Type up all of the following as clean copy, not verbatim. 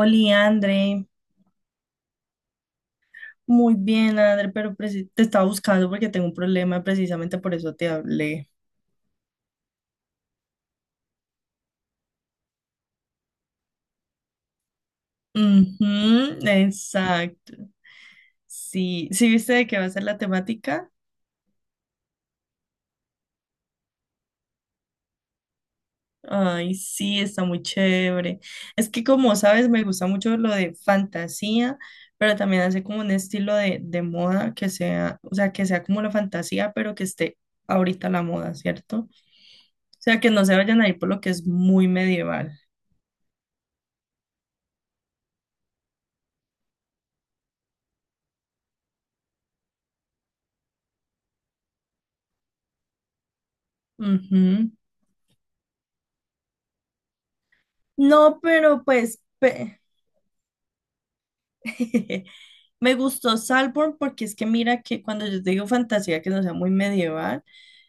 Oli, André, muy bien, André, pero te estaba buscando porque tengo un problema, precisamente por eso te hablé. Ujú, exacto. Sí, ¿sí viste de qué va a ser la temática? Ay, sí, está muy chévere. Es que como sabes, me gusta mucho lo de fantasía, pero también hace como un estilo de moda que sea, o sea, que sea como la fantasía, pero que esté ahorita la moda, ¿cierto? O sea, que no se vayan a ir por lo que es muy medieval. Ujú. No, pero pues, Me gustó Salborn porque es que mira que cuando yo te digo fantasía que no sea muy medieval,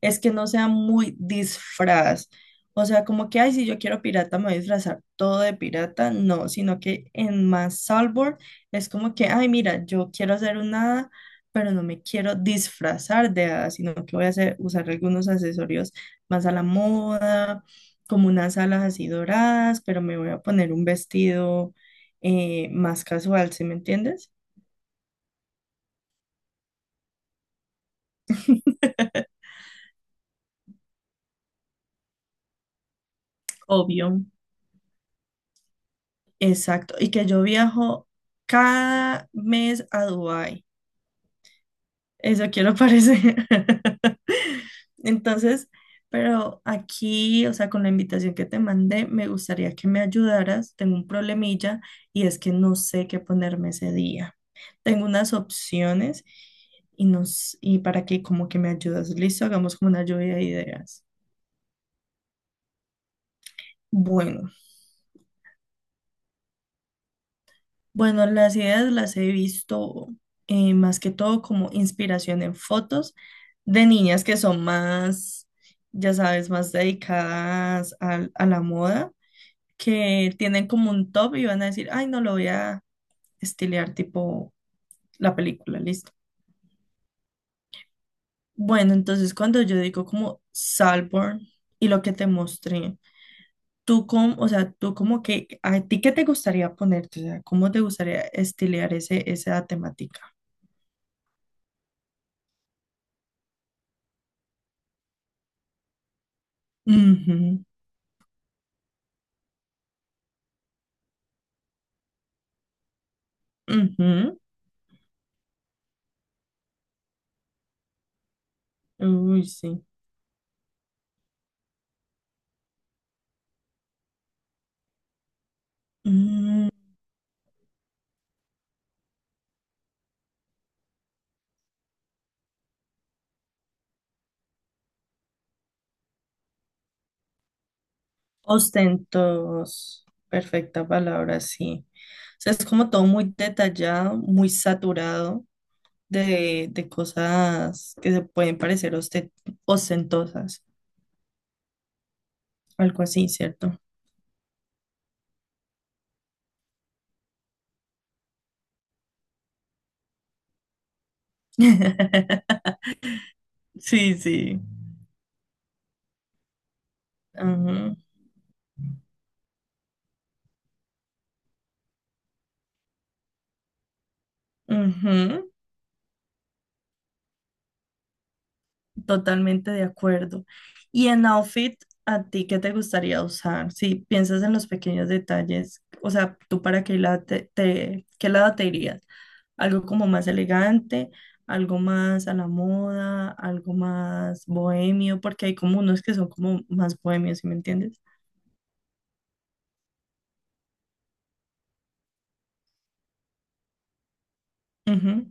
es que no sea muy disfraz. O sea, como que, ay, si yo quiero pirata, me voy a disfrazar todo de pirata. No, sino que en más Salborn es como que, ay, mira, yo quiero hacer un hada, pero no me quiero disfrazar de hada, sino que voy a hacer, usar algunos accesorios más a la moda, como unas alas así doradas, pero me voy a poner un vestido más casual, ¿sí me entiendes? Obvio. Exacto. Y que yo viajo cada mes a Dubái. Eso quiero parecer. Entonces, pero aquí, o sea, con la invitación que te mandé, me gustaría que me ayudaras. Tengo un problemilla y es que no sé qué ponerme ese día. Tengo unas opciones y para que como que me ayudas. Listo, hagamos como una lluvia de ideas. Bueno. Bueno, las ideas las he visto más que todo como inspiración en fotos de niñas que son más, ya sabes, más dedicadas a, la moda, que tienen como un top y van a decir, ay, no lo voy a estilear tipo la película, listo. Bueno, entonces cuando yo digo como Salborn y lo que te mostré, tú como, o sea, tú como que, ¿a ti qué te gustaría ponerte? O sea, ¿cómo te gustaría estilear ese, esa temática? Ujú. Ujú. Uy, sí. Mm, ostentos. Perfecta palabra, sí. O sea, es como todo muy detallado, muy saturado de cosas que se pueden parecer ostentosas. Algo así, ¿cierto? Sí, sí. Ujú, ujú. Totalmente de acuerdo. Y en outfit, ¿a ti qué te gustaría usar? Si piensas en los pequeños detalles, o sea, ¿tú para qué lado qué lado te irías? ¿Algo como más elegante, algo más a la moda, algo más bohemio? Porque hay como unos que son como más bohemios, ¿sí me entiendes? Ujú.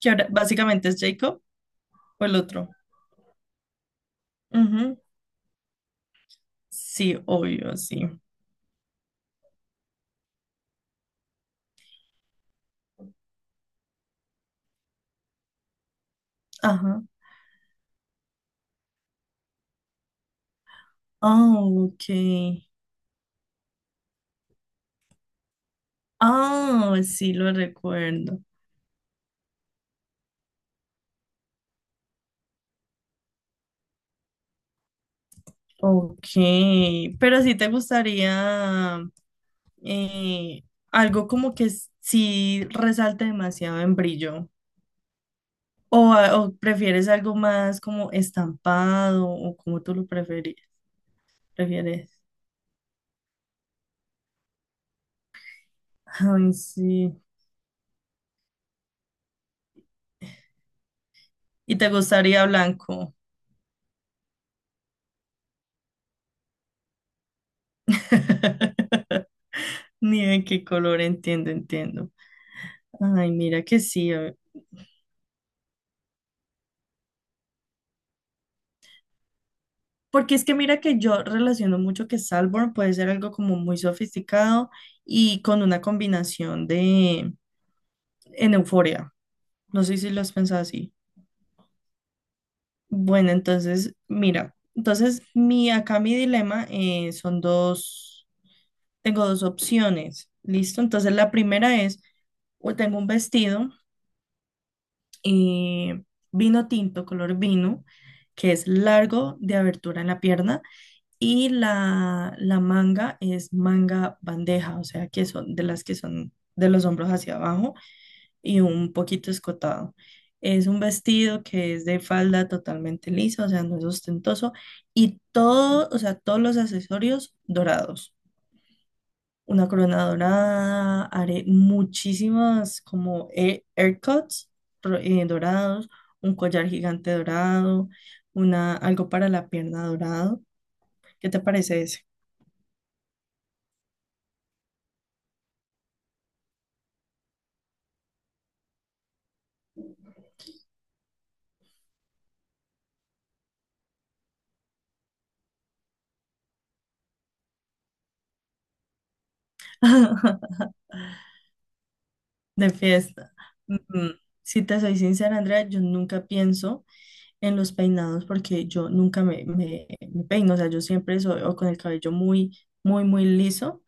Que ahora básicamente es Jacob o el otro. Ujú. Sí, obvio, sí. Ajá. Ah, ok. Ah, sí, lo recuerdo. Ok, pero si te gustaría eh, algo como que sí resalte demasiado en brillo, o, o prefieres algo más como estampado, o como tú lo prefieres. Ay, sí. Y te gustaría blanco. Ni de qué color, entiendo, entiendo. Ay, mira que sí. Porque es que mira que yo relaciono mucho que Salborn puede ser algo como muy sofisticado y con una combinación de, en Euforia. No sé si lo has pensado así. Bueno, entonces, mira, entonces mi acá mi dilema son dos, tengo dos opciones, ¿listo? Entonces la primera es, o tengo un vestido eh, vino tinto, color vino, que es largo de abertura en la pierna y la manga es manga bandeja, o sea, que son de las que son de los hombros hacia abajo y un poquito escotado. Es un vestido que es de falda totalmente lisa, o sea, no es ostentoso, y todo, o sea, todos los accesorios dorados. Una corona dorada, haré muchísimas como aircuts dorados, un collar gigante dorado, una, algo para la pierna dorado. ¿Qué te parece ese? De fiesta. Mm, mm. Si te soy sincera, Andrea, yo nunca pienso en los peinados porque yo nunca me peino, o sea, yo siempre soy o con el cabello muy, muy, muy liso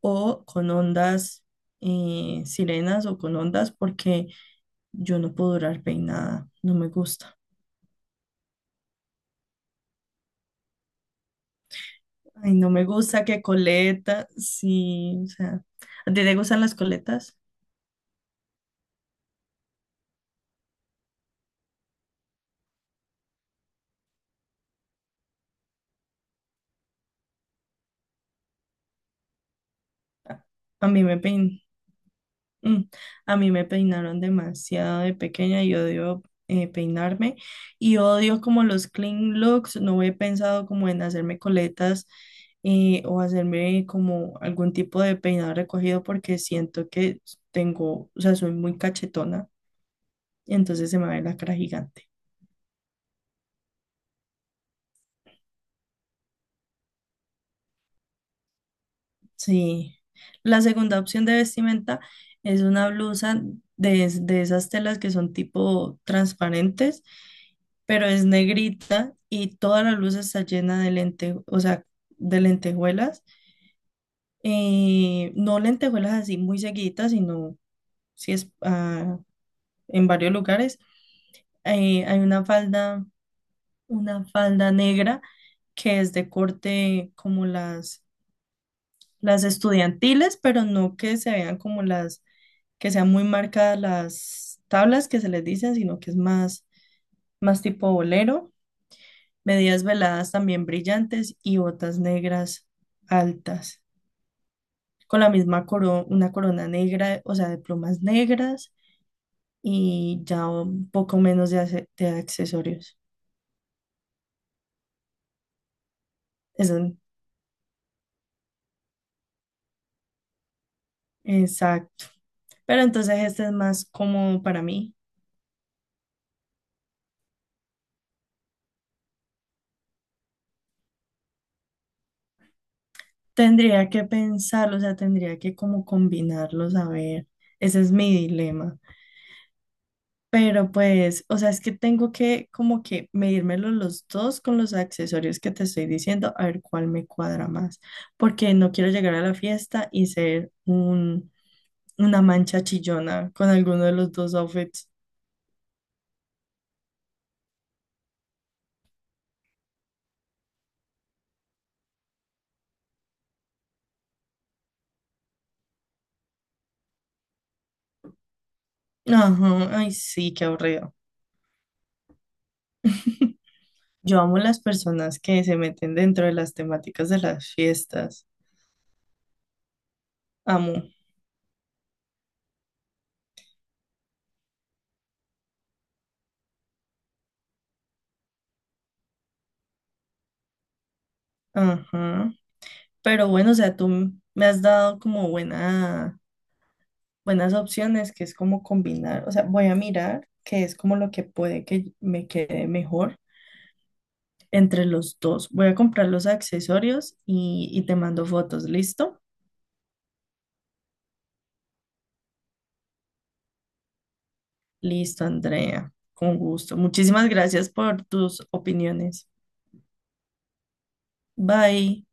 o con ondas sirenas o con ondas porque yo no puedo durar peinada, no me gusta. Ay, no me gusta que coleta, sí, o sea, ¿a ti te gustan las coletas? A a mí me pein Mm, A mí me peinaron demasiado de pequeña y odio peinarme y odio como los clean looks. No he pensado como en hacerme coletas o hacerme como algún tipo de peinado recogido porque siento que tengo, o sea, soy muy cachetona y entonces se me ve la cara gigante. Sí, la segunda opción de vestimenta es una blusa de, de esas telas que son tipo transparentes, pero es negrita y toda la blusa está llena de lente, o sea, de lentejuelas. No lentejuelas así muy seguiditas, sino si es en varios lugares. Hay una falda negra que es de corte como las estudiantiles, pero no que se vean como las, que sean muy marcadas las tablas que se les dicen, sino que es más, más tipo bolero, medias veladas también brillantes y botas negras altas, con la misma corona, una corona negra, o sea, de plumas negras y ya un poco menos de, de accesorios. Eso, exacto. Pero entonces este es más como para mí. Tendría que pensarlo, o sea, tendría que como combinarlos, a ver, ese es mi dilema. Pero pues, o sea, es que tengo que como que medírmelo los dos con los accesorios que te estoy diciendo, a ver cuál me cuadra más, porque no quiero llegar a la fiesta y ser un, una mancha chillona con alguno de los dos outfits. Ajá, ay, sí, qué aburrido. Yo amo las personas que se meten dentro de las temáticas de las fiestas. Amo. Ajá. Pero bueno, o sea, tú me has dado como buenas opciones, que es como combinar, o sea, voy a mirar que es como lo que puede que me quede mejor entre los dos. Voy a comprar los accesorios y te mando fotos, ¿listo? Listo, Andrea, con gusto. Muchísimas gracias por tus opiniones. Bye.